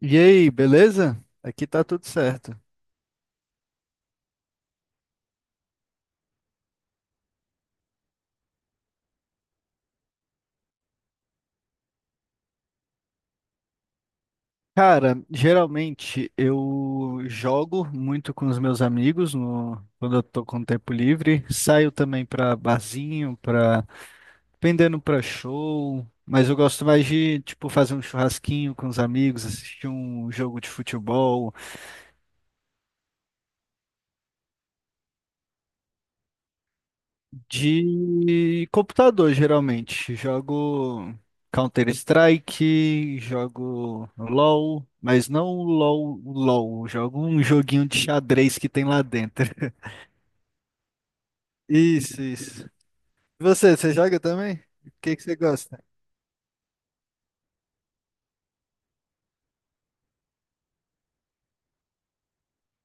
E aí, beleza? Aqui tá tudo certo. Cara, geralmente eu jogo muito com os meus amigos quando eu tô com tempo livre. Saio também pra barzinho, dependendo pra show. Mas eu gosto mais de, tipo, fazer um churrasquinho com os amigos, assistir um jogo de futebol. De computador, geralmente. Jogo Counter-Strike, jogo LoL, mas não o LoL, o LoL. Jogo um joguinho de xadrez que tem lá dentro. Isso, isso. E você joga também? O que que você gosta?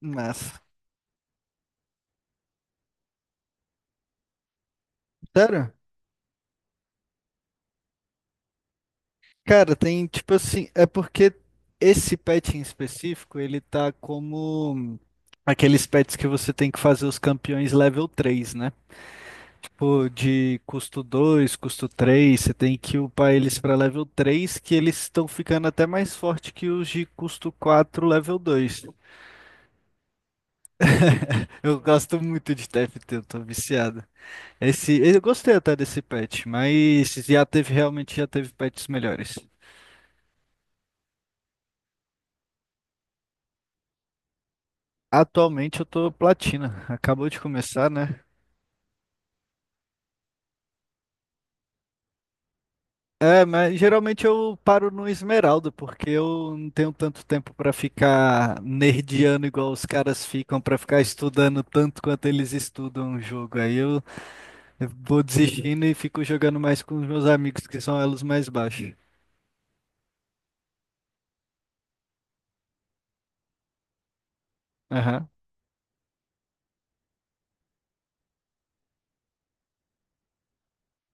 Massa. Sério? Cara, tem tipo assim, é porque esse pet em específico, ele tá como aqueles pets que você tem que fazer os campeões level 3, né? Tipo, de custo 2, custo 3. Você tem que upar eles para level 3 que eles estão ficando até mais forte que os de custo 4 level 2. Eu gosto muito de TFT, eu tô viciado. Esse, eu gostei até desse patch, mas já teve, realmente já teve patches melhores. Atualmente eu tô platina, acabou de começar, né? É, mas geralmente eu paro no Esmeralda, porque eu não tenho tanto tempo pra ficar nerdiano igual os caras ficam, pra ficar estudando tanto quanto eles estudam o jogo. Aí eu vou desistindo e fico jogando mais com os meus amigos, que são elos mais baixos. Aham,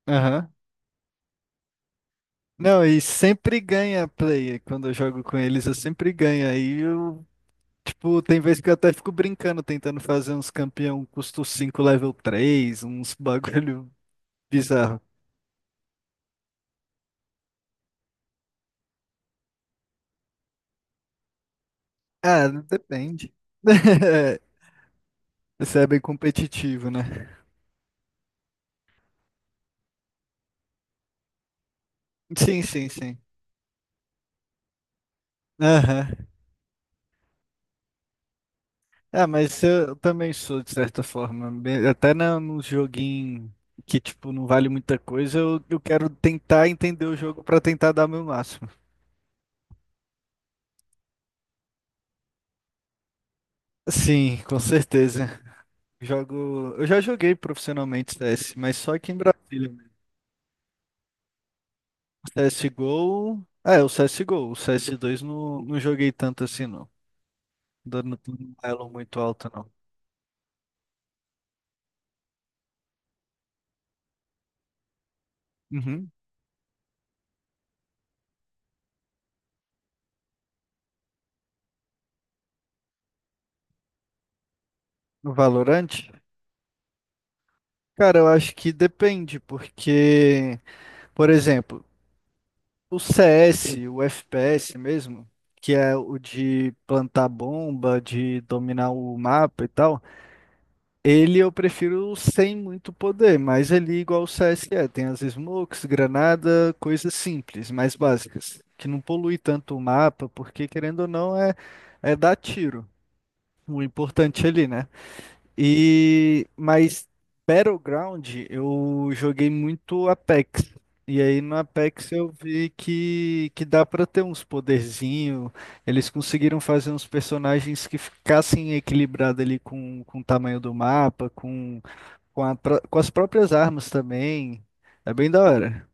aham. Não, e sempre ganha a play. Quando eu jogo com eles, eu sempre ganho. Aí eu, tipo, tem vezes que eu até fico brincando, tentando fazer uns campeão custo 5 level 3, uns bagulho bizarro. Ah, depende. Você é bem competitivo, né? Sim, sim, sim. Aham. Ah, mas eu também sou, de certa forma. Até num joguinho que, tipo, não vale muita coisa, eu quero tentar entender o jogo pra tentar dar meu máximo. Sim, com certeza. Jogo. Eu já joguei profissionalmente CS, mas só aqui em Brasília mesmo. CSGO. É, o CSGO. O CS2 não, não joguei tanto assim, não. Não tô num elo muito alto, não. Uhum. No Valorante? Cara, eu acho que depende, porque, por exemplo, o CS, o FPS mesmo, que é o de plantar bomba, de dominar o mapa e tal, ele eu prefiro sem muito poder, mas ele é igual o CS que é, tem as smokes, granada, coisas simples, mais básicas, que não polui tanto o mapa, porque querendo ou não é dar tiro, o importante ali, né? E mas Battleground eu joguei muito Apex. E aí no Apex eu vi que dá pra ter uns poderzinho. Eles conseguiram fazer uns personagens que ficassem equilibrados ali com o tamanho do mapa, com as próprias armas também. É bem da hora.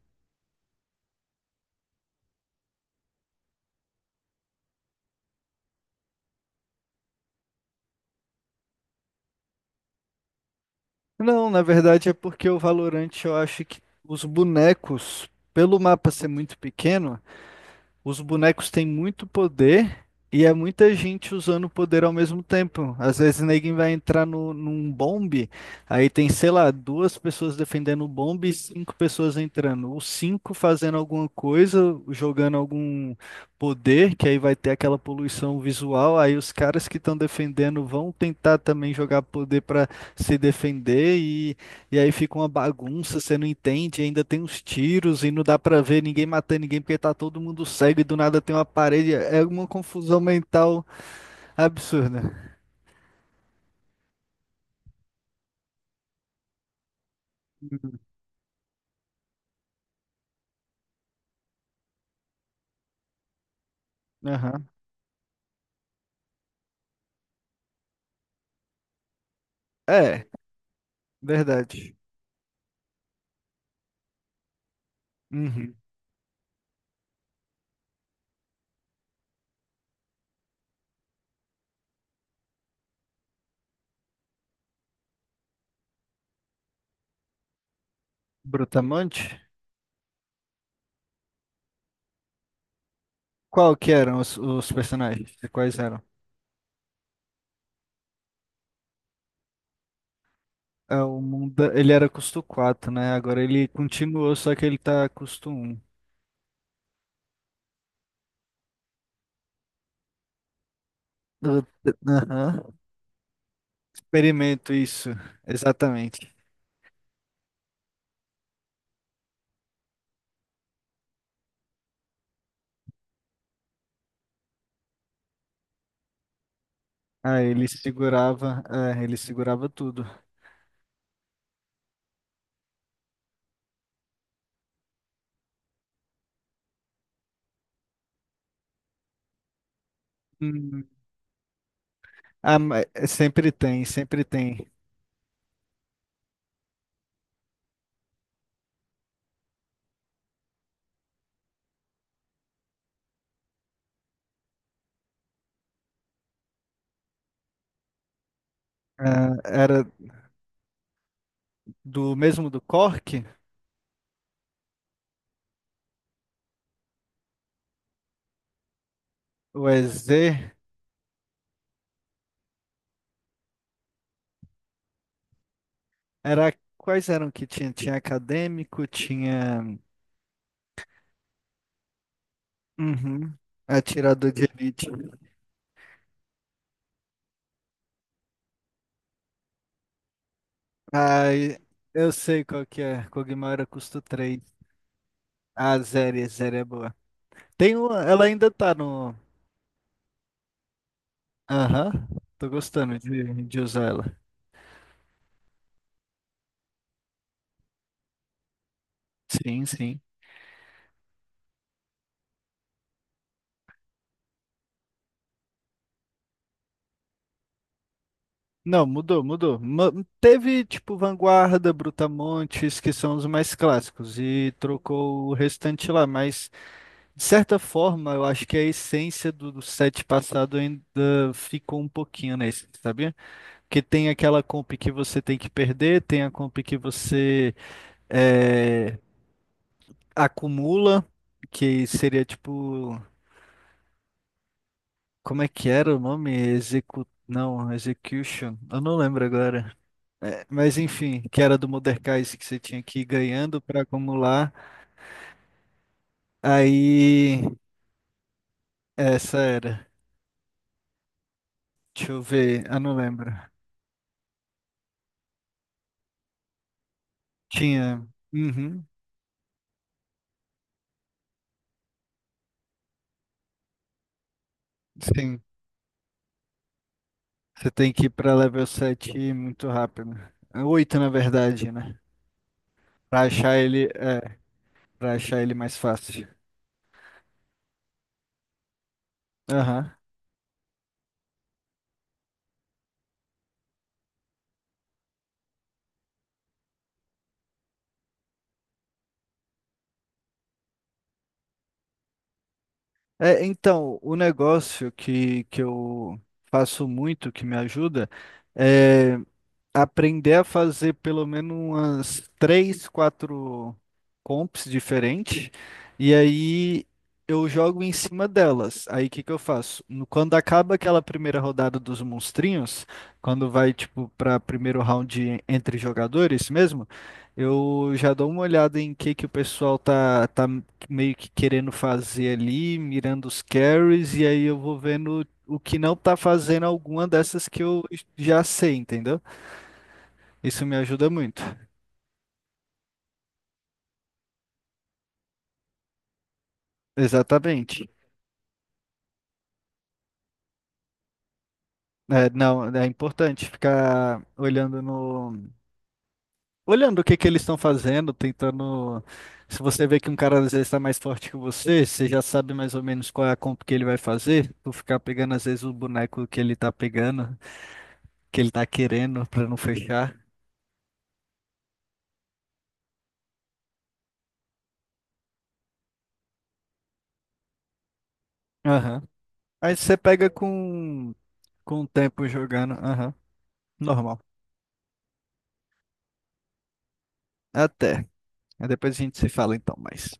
Não, na verdade é porque o Valorant eu acho que os bonecos, pelo mapa ser muito pequeno. Os bonecos têm muito poder e é muita gente usando o poder ao mesmo tempo. Às vezes ninguém vai entrar no, num bombe, aí tem, sei lá, duas pessoas defendendo o bombe e cinco pessoas entrando. Os cinco fazendo alguma coisa, jogando algum poder, que aí vai ter aquela poluição visual. Aí os caras que estão defendendo vão tentar também jogar poder para se defender e aí fica uma bagunça, você não entende, ainda tem uns tiros e não dá pra ver ninguém matando ninguém porque tá todo mundo cego e do nada tem uma parede. É uma confusão mental absurda. Uhum. Aham. É, verdade. Uhum. Brutamonte? Qual que eram os personagens? Quais eram? É, o mundo, ele era custo 4, né? Agora ele continuou, só que ele tá custo 1. Eu- Aham. Experimento isso, exatamente. Ah, ele segurava, é, ele segurava tudo. Hum, ah, é, sempre tem, sempre tem. Ah, era do mesmo do Cork, o EZ, era quais eram que tinha? Tinha acadêmico, tinha uhum, atirador de elite. Ai, eu sei qual que é. Kog'Maw era custo 3. Ah, Zeri, Zeri é boa. Tem uma, ela ainda tá no. Aham, tô gostando de usar ela. Sim, sim. Não, mudou, mudou. Teve tipo Vanguarda, Brutamontes, que são os mais clássicos, e trocou o restante lá, mas de certa forma eu acho que a essência do set passado ainda ficou um pouquinho nesse, sabia? Porque tem aquela comp que você tem que perder, tem a comp que você é, acumula, que seria tipo. Como é que era o nome? Não, Execution. Eu não lembro agora. É, mas enfim, que era do Mordekaiser que você tinha que ir ganhando para acumular. Aí, essa era. Deixa eu ver, ah, não lembro. Tinha. Uhum, sim, você tem que ir para level 7 muito rápido. É, 8, na verdade, né? Para achar ele, para achar ele mais fácil. Aham. É, então, o negócio que eu faço muito, que me ajuda, é aprender a fazer pelo menos umas três, quatro comps diferentes, e aí eu jogo em cima delas. Aí o que que eu faço? Quando acaba aquela primeira rodada dos monstrinhos, quando vai tipo para primeiro round entre jogadores mesmo, eu já dou uma olhada em que o pessoal tá meio que querendo fazer ali, mirando os carries, e aí eu vou vendo o que não tá fazendo alguma dessas que eu já sei, entendeu? Isso me ajuda muito. Exatamente. É, não, é importante ficar olhando no, olhando o que que eles estão fazendo, tentando. Se você vê que um cara às vezes está mais forte que você, você já sabe mais ou menos qual é a comp que ele vai fazer. Tu ficar pegando às vezes o boneco que ele tá pegando, que ele tá querendo pra não fechar. Aham. Aí você pega com o tempo jogando. Aham. Normal. Até. Aí depois a gente se fala então mais.